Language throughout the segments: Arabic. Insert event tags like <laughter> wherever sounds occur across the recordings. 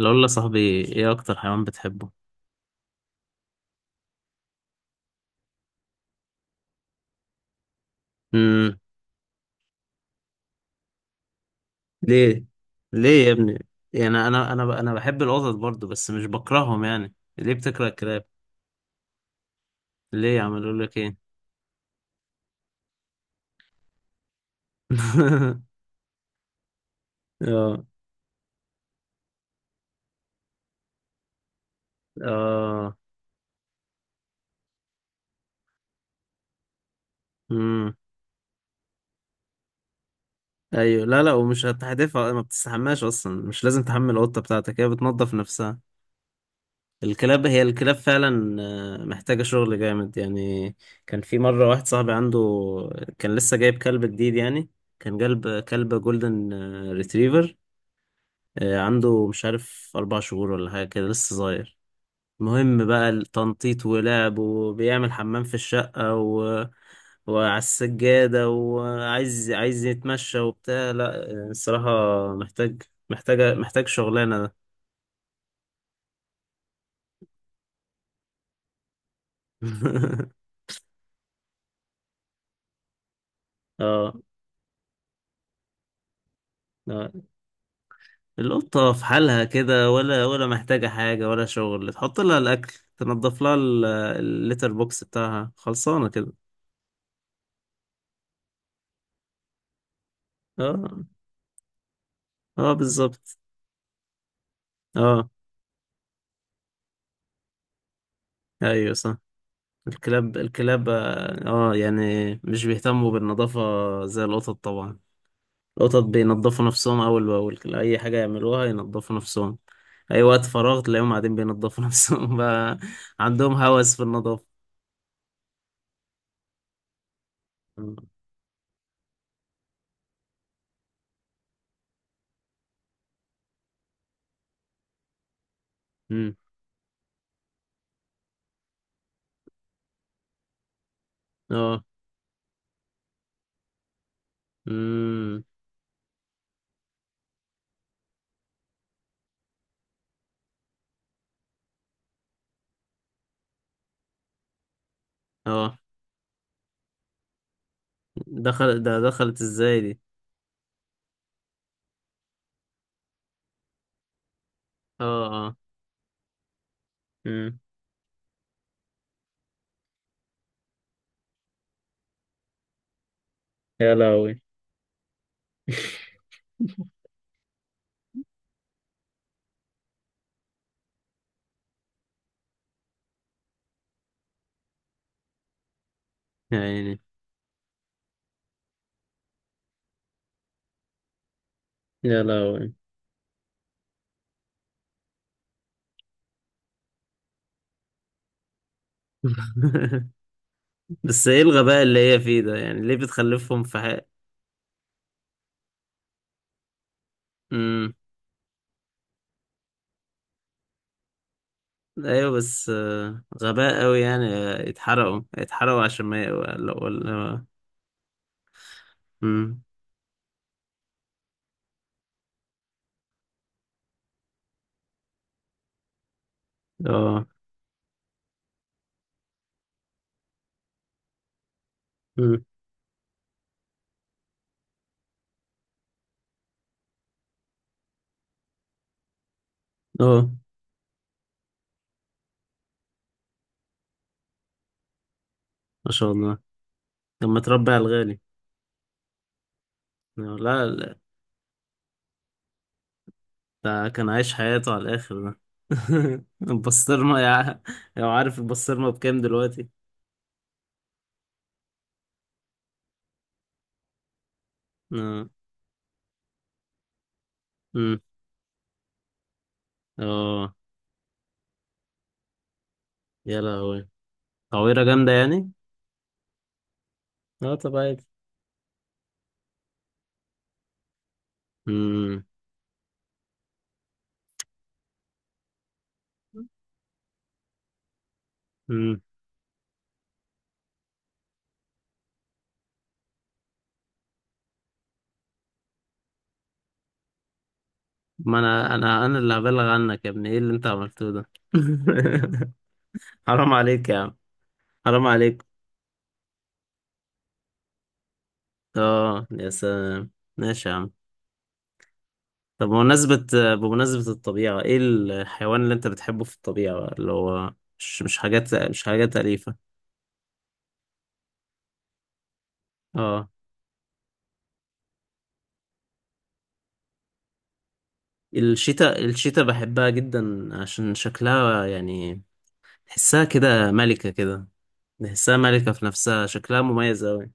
لو يا صاحبي ايه اكتر حيوان بتحبه؟ امم. ليه ليه يا ابني؟ يعني انا بحب القطط برضو، بس مش بكرههم. يعني ليه بتكره الكلاب؟ ليه يا عم؟ اقول لك ايه. <laughs> اه، اه. امم. ايوه، لا لا، ومش هتحدفها. ما بتستحماش اصلا، مش لازم تحمل القطه بتاعتك، هي بتنظف نفسها. الكلاب هي الكلاب فعلا. محتاجة شغل جامد يعني. كان في مرة واحد صاحبي عنده، كان لسه جايب كلب جديد يعني، كان جلب كلب جولدن ريتريفر. عنده مش عارف أربع شهور ولا حاجة كده، لسه صغير. المهم بقى، التنطيط ولعب وبيعمل حمام في الشقة وعلى السجادة، وعايز يتمشى وبتاع، لا الصراحة. محتاج. محتاج شغلانة ده. <laughs> اه. آه. القطة في حالها كده، ولا محتاجة حاجة ولا شغل. تحط لها الأكل، تنضف لها الليتر بوكس بتاعها، خلصانة كده. اه، اه، بالظبط. اه، ايوه، صح. الكلاب الكلاب يعني مش بيهتموا بالنظافة زي القطط طبعا. القطط بينضفوا نفسهم أول بأول، أي حاجة يعملوها ينضفوا نفسهم. أي وقت فراغ تلاقيهم قاعدين بينضفوا <laughs> نفسهم بقى. عندهم هوس في النظافة. مم. اه. مم. اه. دخلت ازاي دي؟ اه، اه. امم. يا لهوي. يا عيني. <laughs> يا لهوي. بس ايه الغباء اللي هي فيه ده؟ يعني ليه بتخلفهم في حق؟ امم. ايوه، بس غباء قوي يعني، يتحرقوا يتحرقوا عشان ما، ولا ولا. امم. اه. امم. اه. ما شاء الله. لما تربي على الغالي. لا، لا. ده كان عايش حياته على الاخر ده. <laughs> البسطرمة لو عارف البسطرمة بكام دلوقتي؟ آه. مم. اه. يا لهوي. تعويرة جامدة يعني. اه، طب عادي. امم. امم. ما انا اللي هبلغ عنك يا ابني، ايه اللي انت عملته ده؟ <laughs> حرام عليك يا عم. حرام عليك. اه، يا سلام. ماشي يا عم. طب بمناسبة الطبيعة، ايه الحيوان اللي انت بتحبه في الطبيعة بقى، اللي هو مش حاجات أليفة؟ اه. الشتاء الشتاء بحبها جدا عشان شكلها يعني. تحسها كده ملكة كده. بحسها ملكة في نفسها، شكلها مميز أوي.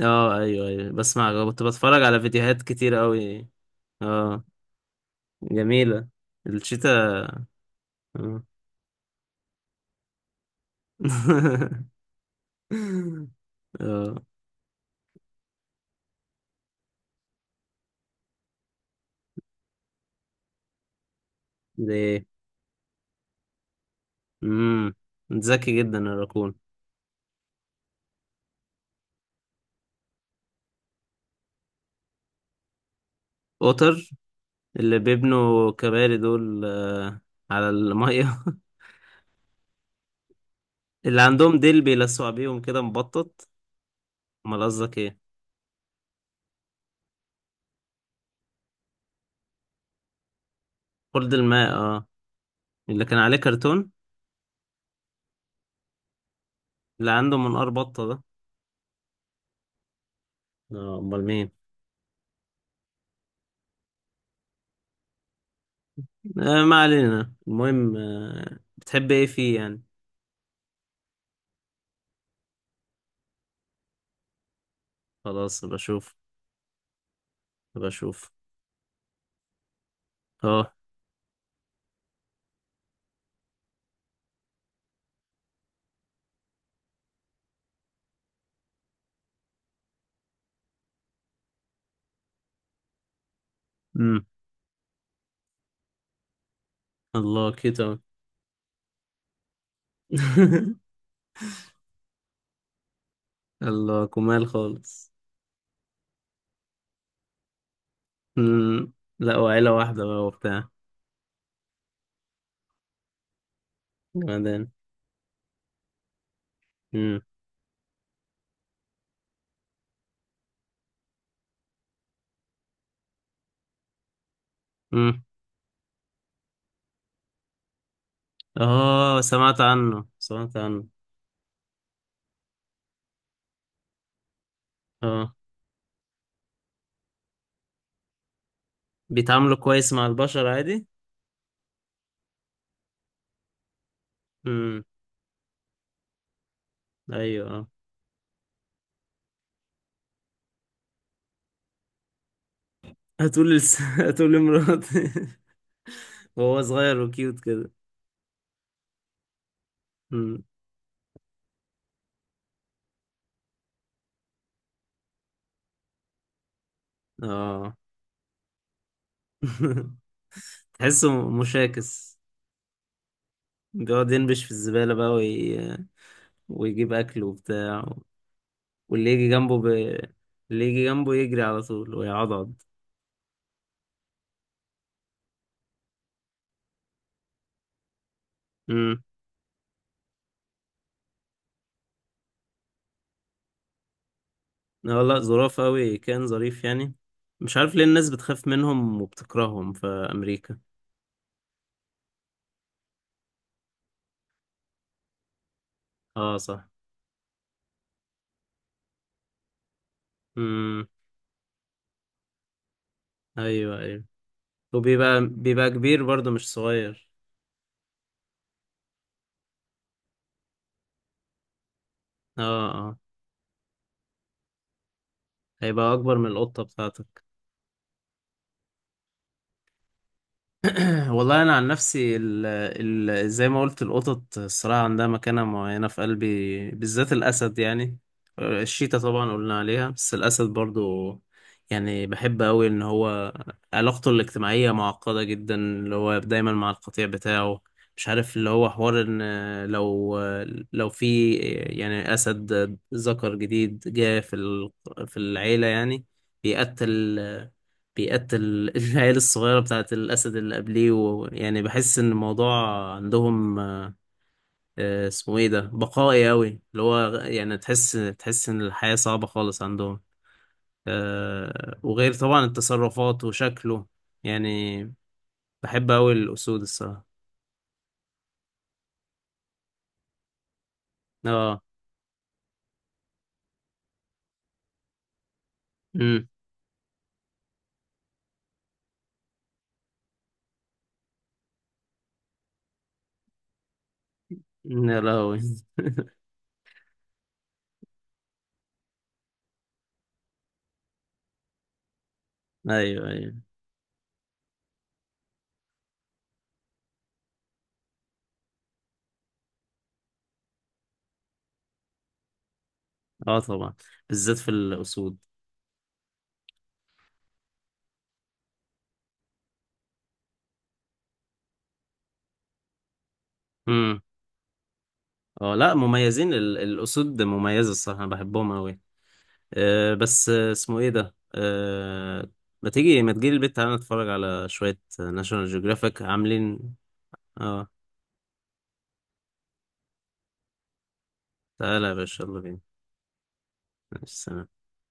اه، ايوه، ايوه، بسمع. كنت بتفرج على فيديوهات كتير أوي. اه، جميلة الشيتا. اه. <laughs> اه. ده ايه؟ امم. ذكي جدا الراكون. قطر، اللي بيبنوا كباري دول على المية. <laughs> اللي عندهم ديل بيلسعوا بيهم كده، مبطط. امال قصدك ايه؟ خلد الماء، اه. اللي كان عليه كرتون. اللي عنده منقار بطة ده؟ اه، امال مين؟ ما علينا. المهم بتحب ايه فيه يعني؟ خلاص بشوف. بشوف. اه. امم. الله كده. <laughs> الله كمال خالص. امم. لا، وعيلة واحدة بقى وبتاع. بعدين. امم. امم. اه. سمعت عنه، سمعت عنه. اه، بيتعاملوا كويس مع البشر عادي. امم. ايوه. اه. <laughs> هتقول لمراتي <laughs> وهو صغير وكيوت كده. امم. اه. <laughs> تحسه مشاكس. بيقعد ينبش في الزبالة بقى ويجيب أكل وبتاع، واللي يجي جنبه ب... اللي يجي جنبه يجري على طول ويعضض. امم. لا لا، ظراف أوي، كان ظريف يعني. مش عارف ليه الناس بتخاف منهم وبتكرههم في أمريكا. اه، صح. امم. أيوه، أيوه. وبيبقى، كبير برضه مش صغير. اه، اه، هيبقى أكبر من القطة بتاعتك. <clears throat> والله انا عن نفسي، ال ال زي ما قلت، القطط الصراحه عندها مكانه معينه في قلبي، بالذات الاسد يعني. الشيتا طبعا قلنا عليها، بس الاسد برضو. يعني بحب قوي ان هو علاقته الاجتماعيه معقده جدا، اللي هو دايما مع القطيع بتاعه. مش عارف اللي هو حوار ان، لو، في يعني اسد ذكر جديد جاء في في العيله يعني، بيقتل، بيقتل <laughs> العيال الصغيرة بتاعت الأسد اللي قبليه. ويعني بحس إن الموضوع عندهم اسمه إيه ده، بقائي أوي، اللي هو يعني تحس، إن الحياة صعبة خالص عندهم. وغير طبعا التصرفات وشكله يعني. بحب أوي الأسود الصراحة. آه. أمم. يا لهوي. <laughs> أيوه، أيوه. آه، طبعا. بالذات في الأسود. أمم. آه، لا، مميزين الأسود مميزة الصراحة، أنا بحبهم أوي. بس اسمه ايه ده ما تجيلي البيت، تعالى نتفرج على شوية ناشونال جيوغرافيك عاملين. اه، تعالى يا باشا، يلا بينا. ماشي، سلام.